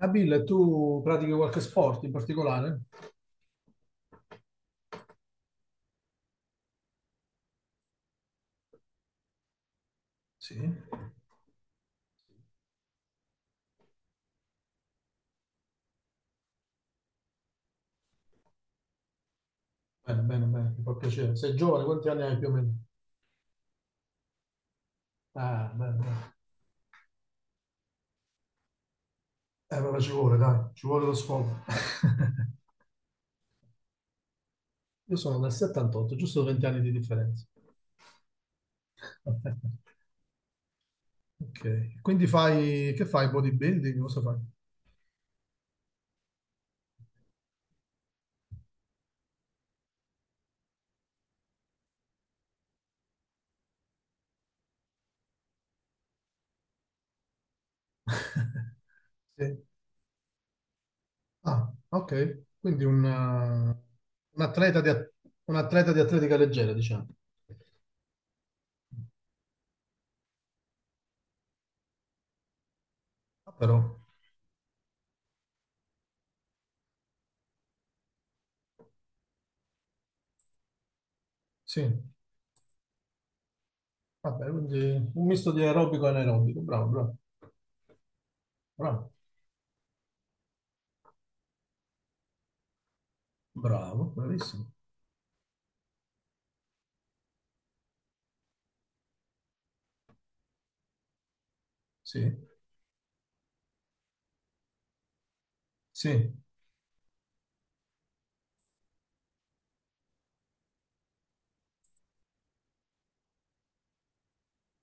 Nabil, tu pratichi qualche sport in particolare? Sì. Bene, bene, bene, mi fa piacere. Sei giovane, quanti anni hai più o meno? Ah, bene, bene. Vabbè, ci vuole, dai, ci vuole lo sfogo. Io sono del '78, giusto 20 anni di differenza. Ok, quindi fai, che fai? Bodybuilding? Cosa fai? Sì. Ah, ok, quindi un atleta di atletica leggera, diciamo. Ah, però, sì, vabbè, quindi un misto di aerobico e anaerobico, bravo, bravo, bravo, bravo, bravissimo. Sì, sì,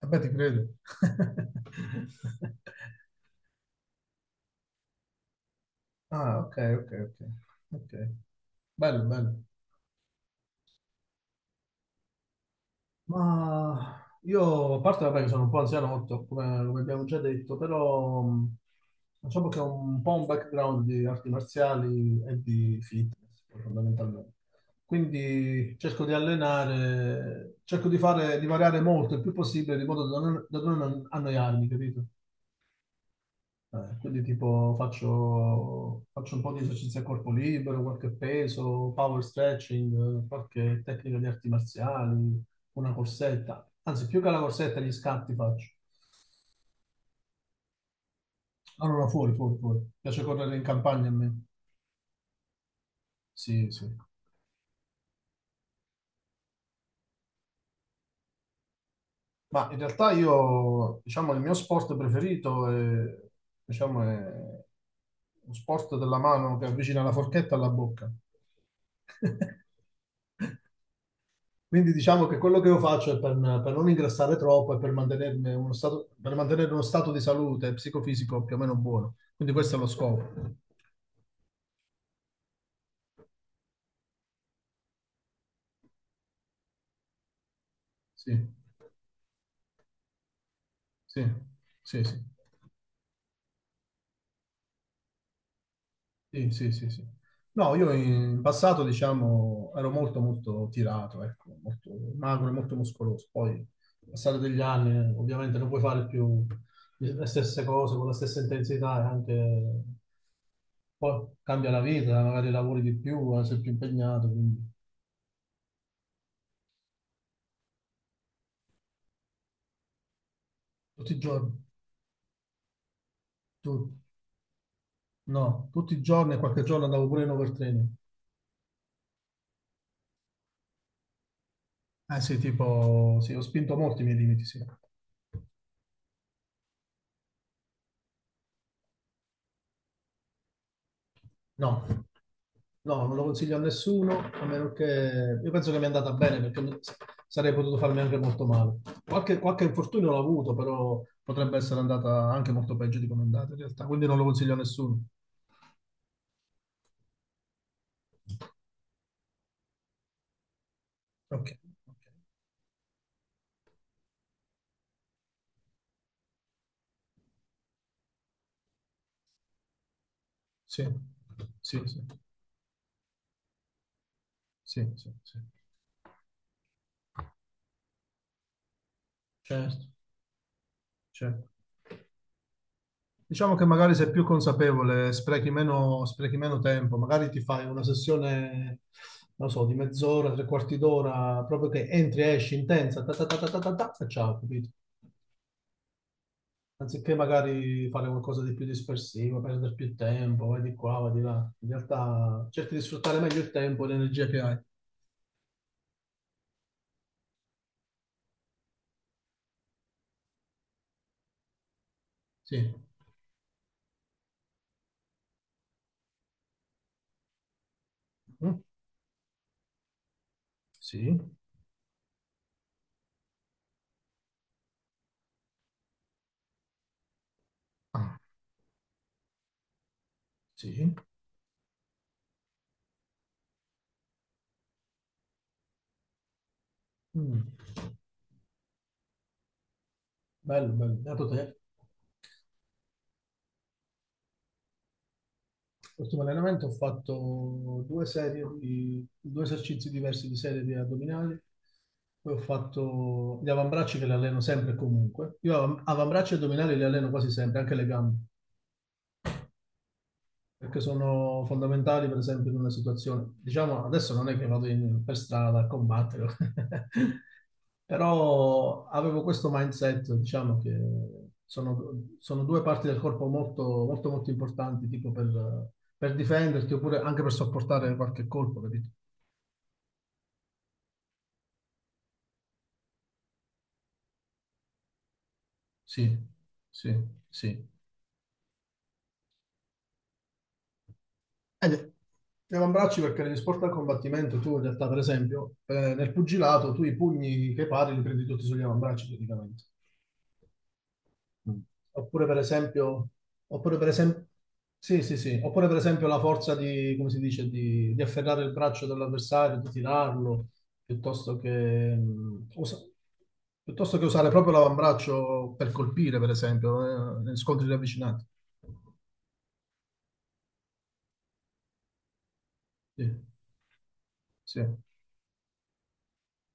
vabbè, ti credo. Ah, ok, ok, ok, ok. Bello, bello. Ma io, a parte vabbè, che sono un po' anzianotto, come abbiamo già detto, però diciamo che ho un po' un background di arti marziali e di fitness, poi, fondamentalmente. Quindi cerco di allenare, cerco di fare, di variare molto il più possibile, di modo da non, annoiarmi, capito? Quindi tipo faccio un po' di esercizi a corpo libero, qualche peso, power stretching, qualche tecnica di arti marziali, una corsetta. Anzi, più che la corsetta, gli scatti faccio. Allora, fuori, fuori, fuori. Mi piace correre in campagna a me. Sì, sì. Ma in realtà io, diciamo, il mio sport preferito è, diciamo, è lo sport della mano che avvicina la forchetta alla bocca. Quindi diciamo che quello che io faccio è per non ingrassare troppo e per mantenermi uno stato, per mantenere uno stato di salute psicofisico più o meno buono. Quindi questo è lo scopo. Sì, sì, sì, sì, sì, sì, sì, sì. No, io in passato, diciamo, ero molto, molto tirato, ecco, molto magro e molto muscoloso. Poi, passare degli anni, ovviamente non puoi fare più le stesse cose con la stessa intensità e anche poi cambia la vita, magari lavori di più, sei più impegnato, quindi tutti i giorni, tu- no, tutti i giorni e qualche giorno andavo pure in overtraining. Eh sì, tipo, sì, ho spinto molti i miei limiti, sì. No, no, non lo consiglio a nessuno, a meno che... Io penso che mi è andata bene, perché sarei potuto farmi anche molto male. Qualche infortunio l'ho avuto, però potrebbe essere andata anche molto peggio di come è andata in realtà, quindi non lo consiglio a nessuno. Ok, ok. Sì, sì, sì, sì, sì, sì. Certo, certo. Diciamo che magari sei più consapevole, sprechi meno tempo, magari ti fai una sessione, non so, di mezz'ora, tre quarti d'ora, proprio che entri e esci intensa, ta ta ta ta ta ta, ta, e ciao, capito? Anziché magari fare qualcosa di più dispersivo, perdere più tempo, vai di qua, vai di là. In realtà cerchi di sfruttare meglio il tempo e l'energia che hai. Sì. Mm? Sì. Ah, sì. Mm. Bello, bello. Beato te. L'ultimo allenamento ho fatto due serie di, due esercizi diversi di serie di addominali, poi ho fatto gli avambracci che li alleno sempre e comunque. Io avambracci e addominali li alleno quasi sempre, anche le gambe perché sono fondamentali, per esempio, in una situazione. Diciamo, adesso non è che vado per strada a combattere, però avevo questo mindset, diciamo, che sono, due parti del corpo molto, molto, molto importanti, tipo per difenderti oppure anche per sopportare qualche colpo, capito? Sì, sì, sì. E gli avambracci perché negli sport da combattimento tu in realtà per esempio nel pugilato tu i pugni che pari li prendi tutti sugli avambracci praticamente. Mm. Oppure per esempio, oppure per esempio, sì, sì, sì, oppure per esempio la forza di, come si dice, di afferrare il braccio dell'avversario, di tirarlo, piuttosto che, mh, usa- piuttosto che usare proprio l'avambraccio per colpire, per esempio, negli scontri ravvicinati. Sì, sì.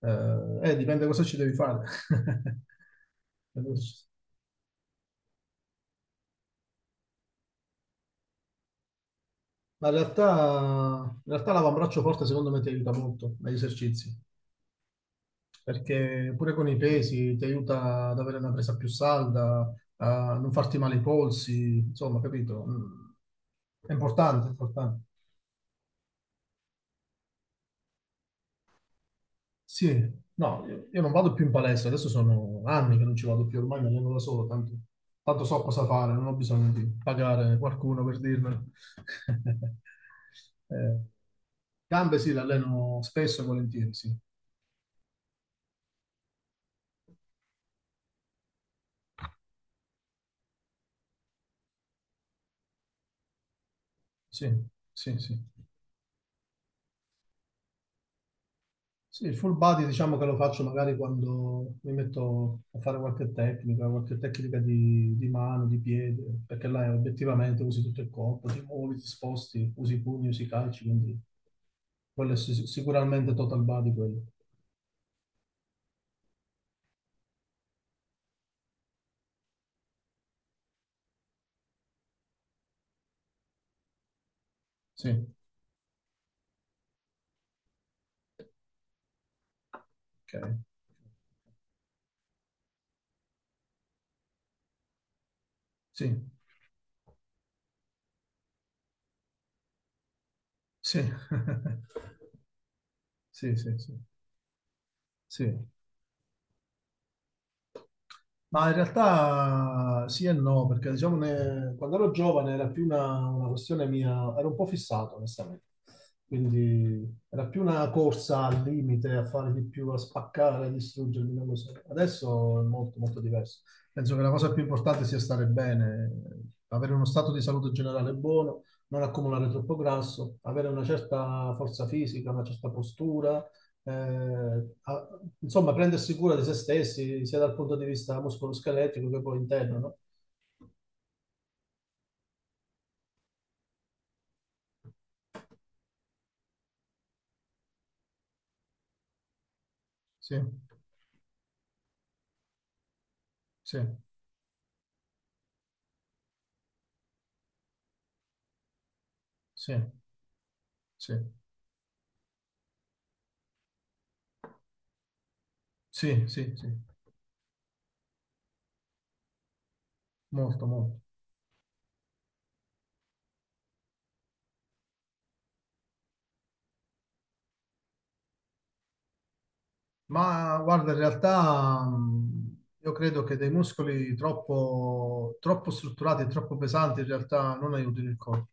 Eh, dipende cosa ci devi fare. Ma in realtà l'avambraccio forte secondo me ti aiuta molto negli esercizi. Perché pure con i pesi ti aiuta ad avere una presa più salda, a non farti male i polsi, insomma, capito? Mm. È importante, è importante. Sì, no, io non vado più in palestra, adesso sono anni che non ci vado più, ormai mi alleno da solo, tanto, so cosa fare, non ho bisogno di pagare qualcuno per dirmelo. Eh, gambe sì, le alleno spesso e volentieri, sì, sì, sì, sì. Sì, il full body diciamo che lo faccio magari quando mi metto a fare qualche tecnica di mano, di piede, perché là obiettivamente usi tutto il corpo, ti muovi, ti sposti, usi i pugni, usi i calci, quindi quello è sicuramente total body quello. Sì, ok. Sì, sì. Sì, sì, sì. Sì. Ma in realtà sì e no, perché diciamo quando ero giovane era più una questione mia, ero un po' fissato, onestamente. Quindi era più una corsa al limite, a fare di più, a spaccare, a distruggermi, non lo so. Adesso è molto, molto diverso. Penso che la cosa più importante sia stare bene, avere uno stato di salute generale buono, non accumulare troppo grasso, avere una certa forza fisica, una certa postura, insomma, prendersi cura di se stessi, sia dal punto di vista muscoloscheletico che poi interno, no? Sì, sì, sì, sì, sì, sì, sì, molto, molto. Ma guarda, in realtà io credo che dei muscoli troppo, troppo strutturati e troppo pesanti in realtà non aiutino il corpo.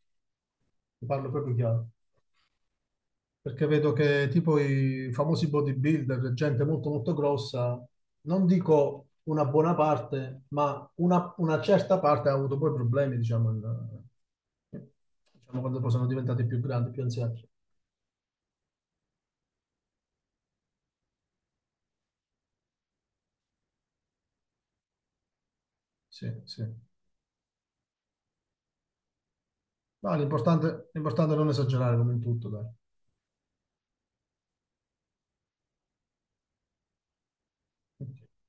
Ti parlo proprio chiaro. Perché vedo che tipo i famosi bodybuilder, gente molto molto grossa, non dico una buona parte, ma una, certa parte ha avuto poi problemi, diciamo, diciamo, quando poi sono diventati più grandi, più anziani. Sì, sì. Ma l'importante è non esagerare come in tutto, dai. Ok.